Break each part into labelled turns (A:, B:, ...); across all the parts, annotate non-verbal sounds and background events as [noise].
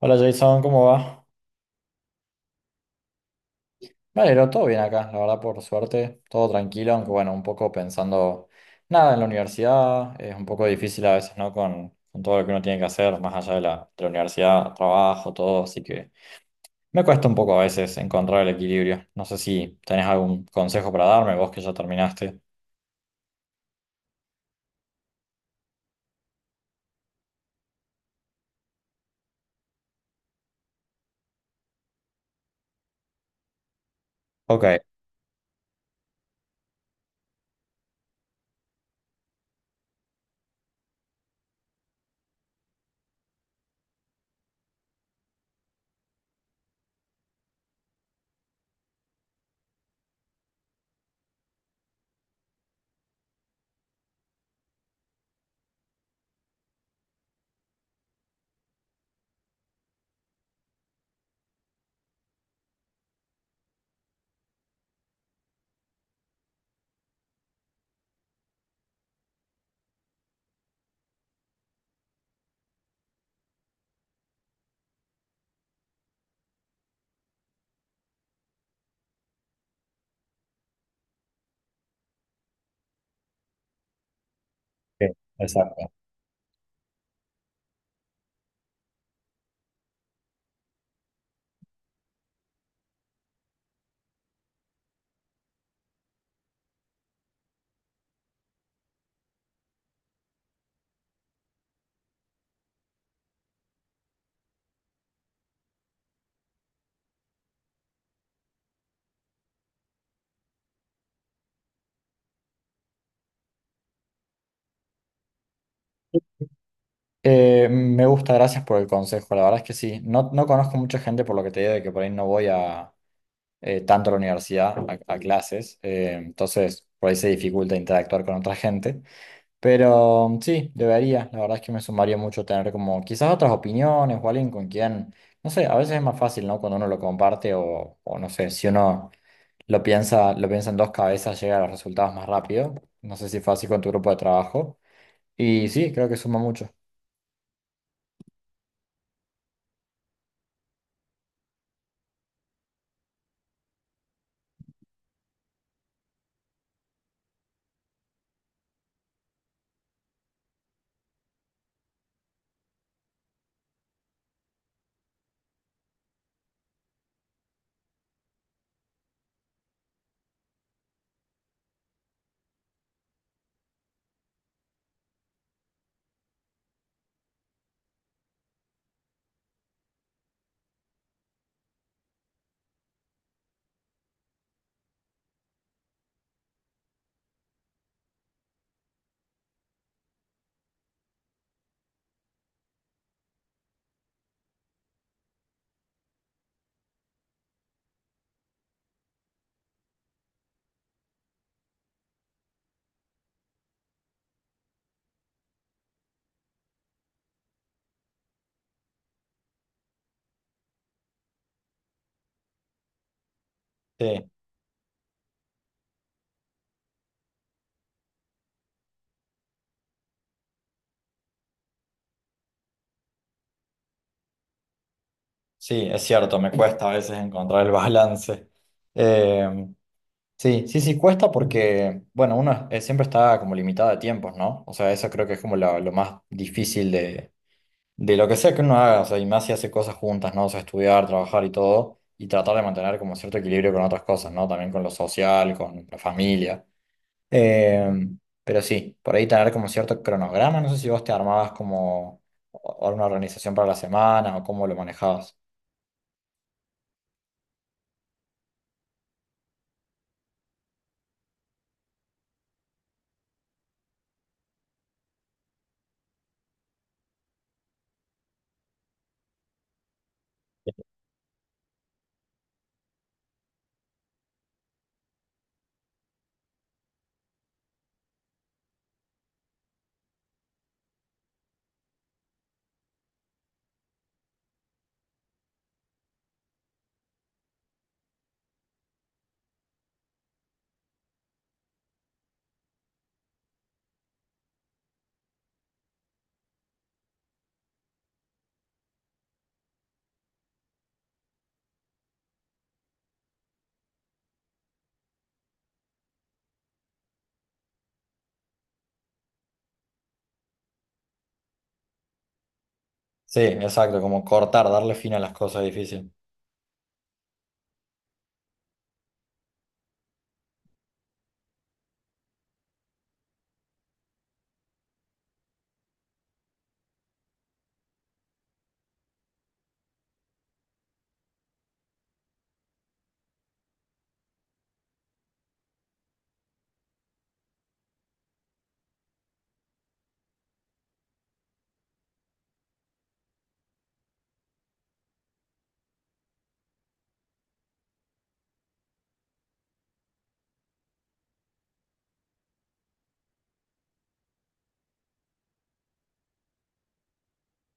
A: Hola Jason, ¿cómo va? Valero, todo bien acá, la verdad, por suerte, todo tranquilo, aunque bueno, un poco pensando nada en la universidad, es un poco difícil a veces, ¿no? Con todo lo que uno tiene que hacer, más allá de la universidad, trabajo, todo, así que me cuesta un poco a veces encontrar el equilibrio. No sé si tenés algún consejo para darme, vos que ya terminaste. Ok. Sí, exacto. Me gusta, gracias por el consejo, la verdad es que sí, no, no conozco mucha gente por lo que te digo de que por ahí no voy a, tanto a la universidad, a clases, entonces por ahí se dificulta interactuar con otra gente, pero sí, debería, la verdad es que me sumaría mucho tener como quizás otras opiniones o alguien con quien, no sé, a veces es más fácil, ¿no? Cuando uno lo comparte o no sé, si uno lo piensa en dos cabezas, llega a los resultados más rápido, no sé si fue así con tu grupo de trabajo, y sí, creo que suma mucho. Sí, sí, es cierto, me cuesta a veces encontrar el balance. Sí, sí, sí, cuesta porque, bueno, uno es- siempre está como limitado de tiempos, ¿no? O sea, eso creo que es como lo más difícil de lo que sea que uno haga, o sea, y más si hace cosas juntas, ¿no? O sea, estudiar, trabajar y todo, y tratar de mantener como cierto equilibrio con otras cosas, ¿no? También con lo social, con la familia. Eh, pero sí, por ahí tener como cierto cronograma, no sé si vos te armabas como o- una organización para la semana o cómo lo manejabas. Sí, exacto, como cortar, darle fin a las cosas difíciles.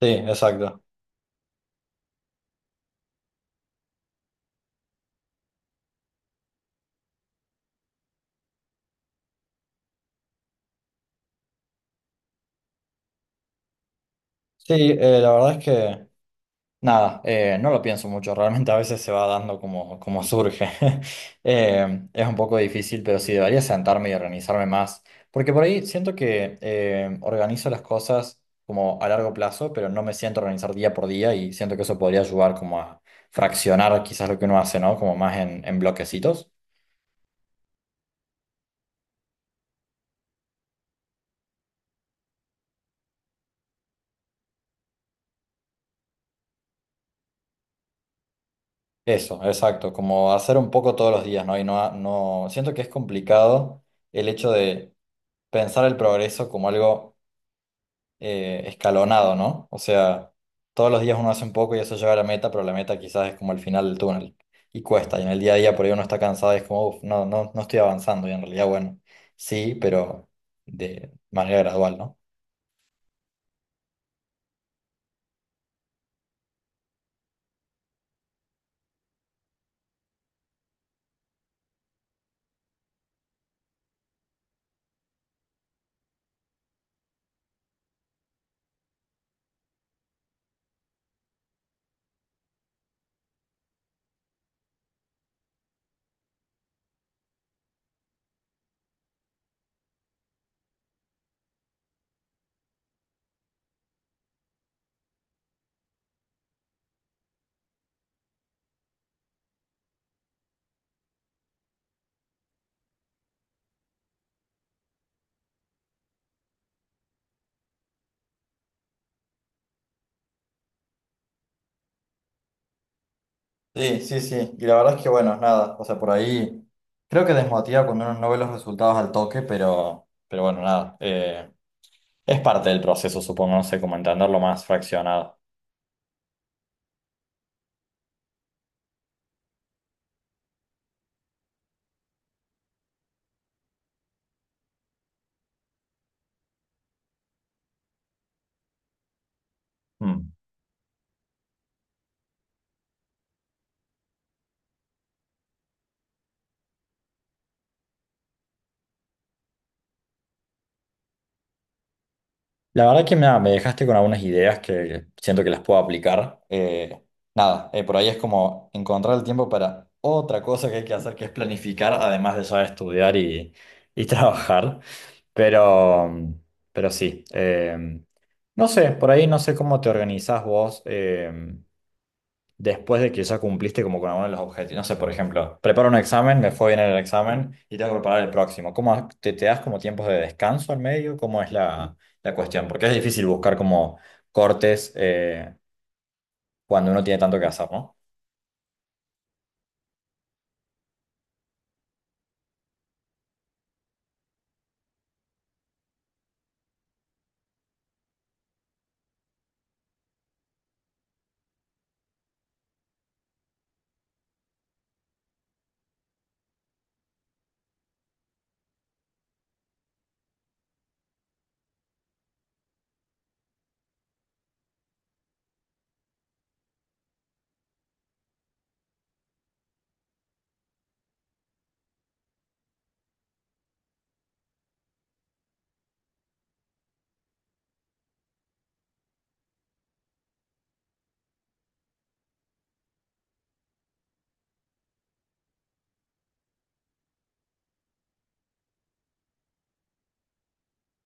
A: Sí, exacto. Sí, la verdad es que nada, no lo pienso mucho, realmente a veces se va dando como, como surge. [laughs] Es un poco difícil, pero sí debería sentarme y organizarme más, porque por ahí siento que organizo las cosas como a largo plazo, pero no me siento a organizar día por día y siento que eso podría ayudar como a fraccionar quizás lo que uno hace, ¿no? Como más en bloquecitos. Eso, exacto, como hacer un poco todos los días, ¿no? Y no, no, siento que es complicado el hecho de pensar el progreso como algo, escalonado, ¿no? O sea, todos los días uno hace un poco y eso lleva a la meta, pero la meta quizás es como el final del túnel y cuesta. Y en el día a día por ahí uno está cansado y es como, uff, no, no, no estoy avanzando. Y en realidad, bueno, sí, pero de manera gradual, ¿no? Sí, sí, sí. Y la verdad es que, bueno, nada. O sea, por ahí creo que desmotiva cuando uno no ve los resultados al toque, pero bueno, nada. Es parte del proceso, supongo, no sé, como entenderlo más fraccionado. Mm. La verdad que mira, me dejaste con algunas ideas que siento que las puedo aplicar. Nada, por ahí es como encontrar el tiempo para otra cosa que hay que hacer, que es planificar, además de ya estudiar y [laughs] trabajar. Pero, pero sí, no sé, por ahí no sé cómo te organizás vos. Después de que ya cumpliste como con alguno de los objetivos. No sé, por ejemplo, preparo un examen, me fue bien en el examen y tengo que preparar el próximo. ¿Cómo ha- te das como tiempos de descanso en medio? ¿Cómo es la, la cuestión? Porque es difícil buscar como cortes, cuando uno tiene tanto que hacer, ¿no?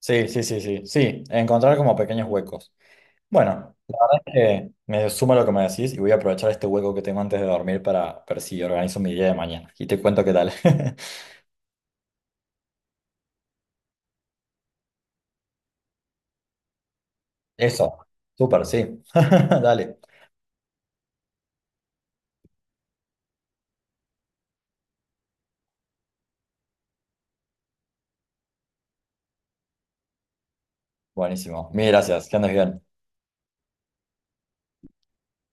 A: Sí, sí, sí, sí, sí, encontrar como pequeños huecos. Bueno, la verdad es que me suma lo que me decís y voy a aprovechar este hueco que tengo antes de dormir para ver si organizo mi día de mañana y te cuento qué tal. [laughs] Eso, súper, sí. [laughs] Dale. Buenísimo. Mil gracias. Que andes bien.